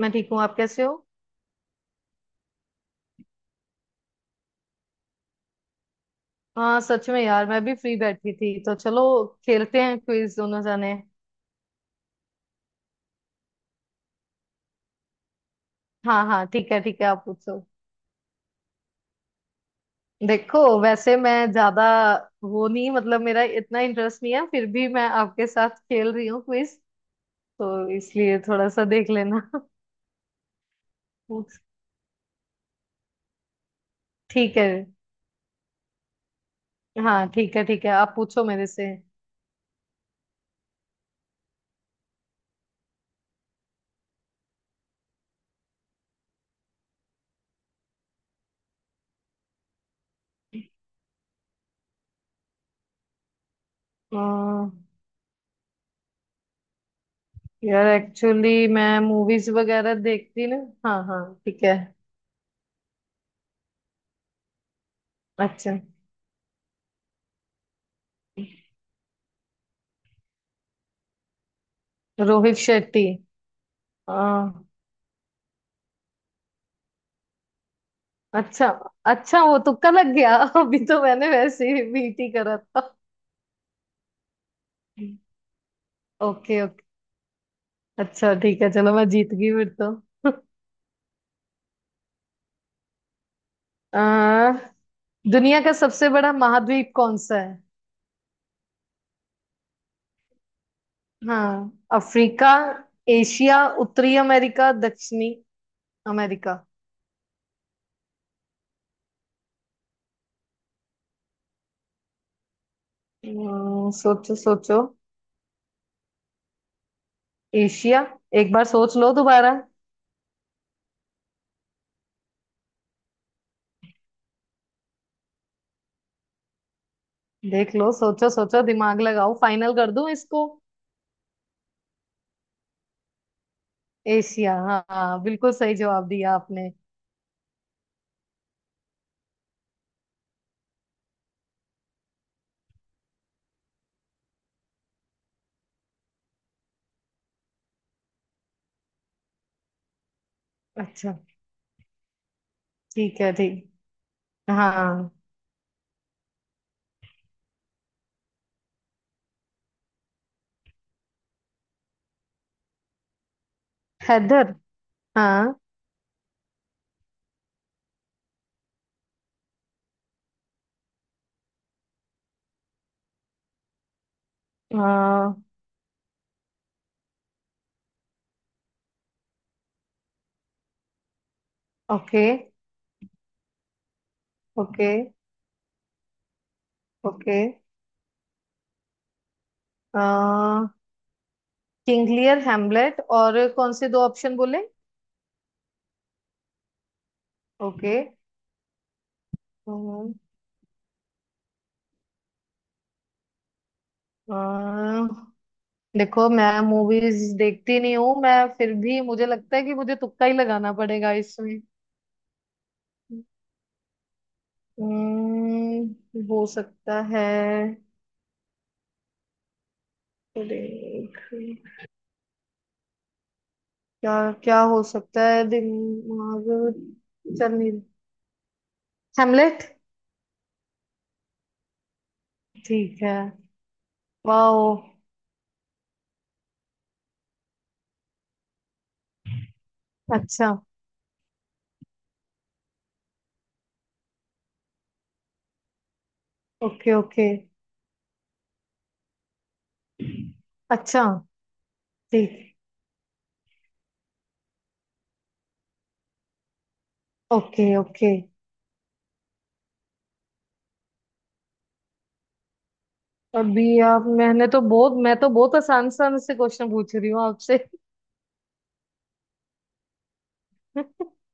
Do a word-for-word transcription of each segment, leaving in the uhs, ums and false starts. मैं ठीक हूँ। आप कैसे हो? हाँ, सच में यार। मैं भी फ्री बैठी थी तो चलो खेलते हैं क्विज दोनों जाने। हाँ हाँ, ठीक है ठीक है, आप पूछो। देखो, वैसे मैं ज्यादा वो नहीं, मतलब मेरा इतना इंटरेस्ट नहीं है, फिर भी मैं आपके साथ खेल रही हूँ क्विज तो इसलिए थोड़ा सा देख लेना। पूछ- ठीक है। हाँ, ठीक है ठीक है, आप पूछो मेरे से। अम्म, यार, एक्चुअली मैं मूवीज वगैरह देखती ना। हाँ हाँ, ठीक है। अच्छा। रोहित शेट्टी। अच्छा, अच्छा वो तुक्का लग गया। अभी तो मैंने वैसे ही बीटी करा था। Okay okay. अच्छा, ठीक है, चलो मैं जीत गई फिर तो। आ, दुनिया का सबसे बड़ा महाद्वीप कौन सा है? हाँ, अफ्रीका। एशिया, उत्तरी अमेरिका, दक्षिणी अमेरिका। हम्म, सोचो सोचो। एशिया। एक बार सोच लो दोबारा। देख लो, सोचो सोचो, दिमाग लगाओ, फाइनल कर दूं इसको। एशिया, हाँ हाँ, बिल्कुल सही जवाब दिया आपने। अच्छा, ठीक है ठीक। हाँ, हैदर। हाँ। आ, okay okay. Okay. King Lear, Hamlet और कौन से दो ऑप्शन बोले? ओके। हम्म, अ, देखो, मैं मूवीज देखती नहीं हूँ, मैं फिर भी मुझे लगता है कि मुझे तुक्का ही लगाना पड़ेगा इसमें। हम्म, हो सकता है। देख। क्या क्या हो सकता है, दिमाग। चल नहीं। हेमलेट। ठीक है। वाओ। अच्छा। Okay okay. अच्छा, ठीक। Okay okay. अभी आप, मैंने तो बहुत मैं तो बहुत आसान आसान से क्वेश्चन पूछ रही हूँ आपसे।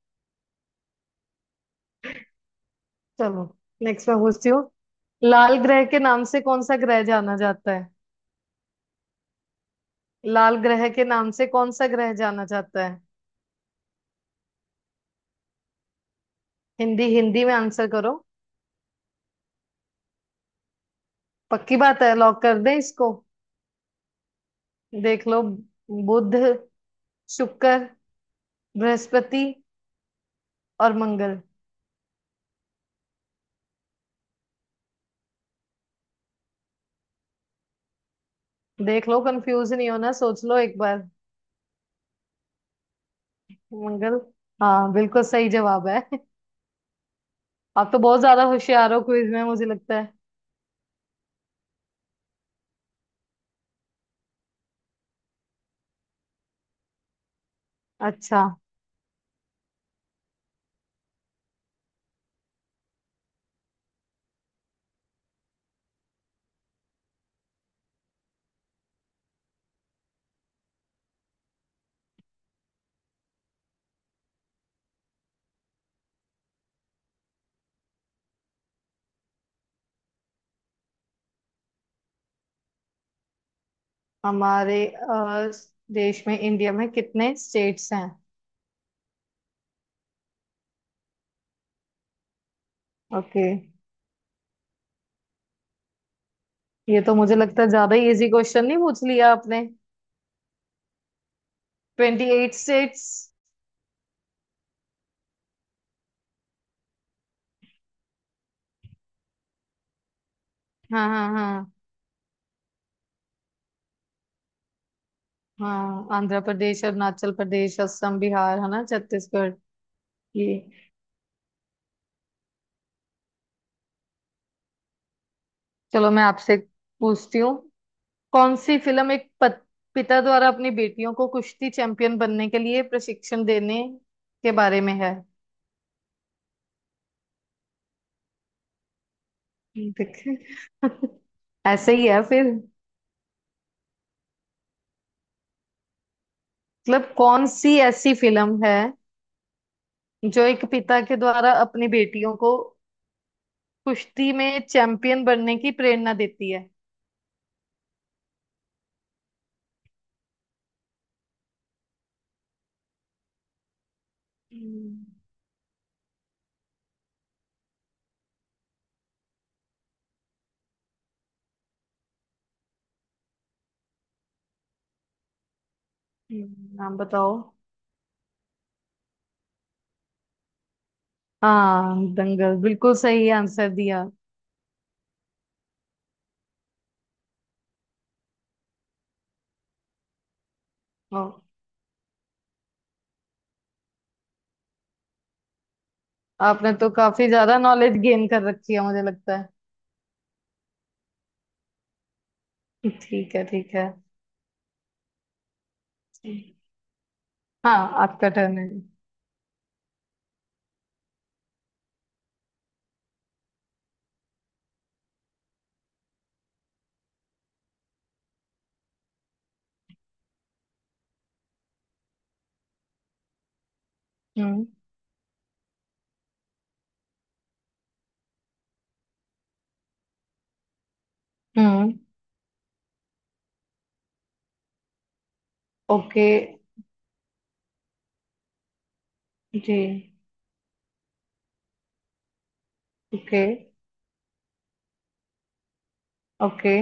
चलो। नेक्स्ट मैं पूछती हूँ। लाल ग्रह के नाम से कौन सा ग्रह जाना जाता है? लाल ग्रह के नाम से कौन सा ग्रह जाना जाता है? हिंदी हिंदी में आंसर करो। पक्की बात है? लॉक कर दें इसको? देख लो। बुध, शुक्र, बृहस्पति और मंगल। देख लो, कंफ्यूज नहीं होना, सोच लो एक बार। मंगल। हाँ, बिल्कुल सही जवाब है। आप तो बहुत ज्यादा होशियार हो क्विज में, मुझे लगता है। अच्छा। हमारे अ, देश में, इंडिया में कितने स्टेट्स हैं? ओके। ये तो मुझे लगता है ज्यादा ही इजी क्वेश्चन नहीं पूछ लिया आपने। Twenty eight states. हाँ हाँ हाँ। हाँ, आंध्र प्रदेश, अरुणाचल प्रदेश, असम, बिहार है ना, छत्तीसगढ़। ये। चलो, मैं आपसे पूछती हूँ। कौन सी फिल्म एक पत, पिता द्वारा अपनी बेटियों को कुश्ती चैंपियन बनने के लिए प्रशिक्षण देने के बारे में है? देख। ऐसे ही है फिर। मतलब कौन सी ऐसी फिल्म है जो एक पिता के द्वारा अपनी बेटियों को कुश्ती में चैंपियन बनने की प्रेरणा देती है? हम्म। हम्म, नाम बताओ। हाँ, दंगल, बिल्कुल सही आंसर दिया। ओ, आपने तो काफी ज्यादा नॉलेज गेन कर रखी है, मुझे लगता है। ठीक है ठीक। है। हाँ। आपका टर्न है। हम्म, हम्म। ओके। जी। ओके। ओके।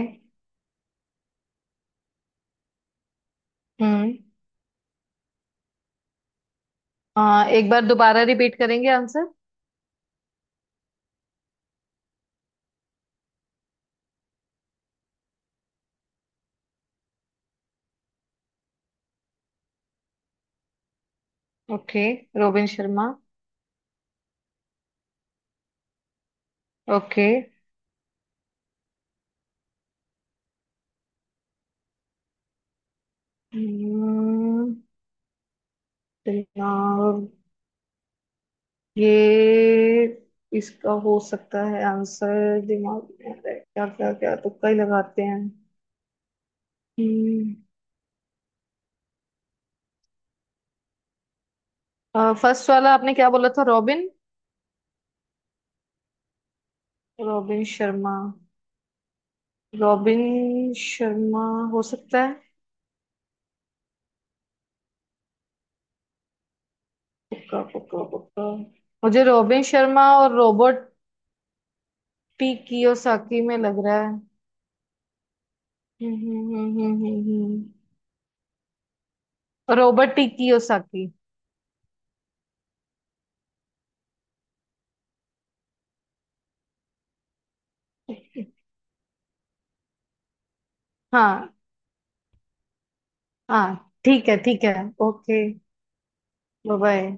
हम्म आ, एक बार दोबारा रिपीट करेंगे answer? Okay. Robin Sharma. Okay. हम्म। दिमाग। ये, इसका हो सकता है आंसर, दिमाग में आ रहा है। क्या क्या क्या, तुक्का ही लगाते हैं। हम्म। फर्स्ट वाला आपने क्या बोला था? Robin? Robin Sharma. Robin Sharma. हो सकता है। पक्का पक्का पक्का। मुझे रोबिन शर्मा और रॉबर्ट टी कियोसाकी में लग रहा है। हम्म हम्म हम्म हम्म हम्म, हम्म। Robert T Kiyosaki. हाँ। हाँ ठीक है ठीक है। ओके। Bye bye.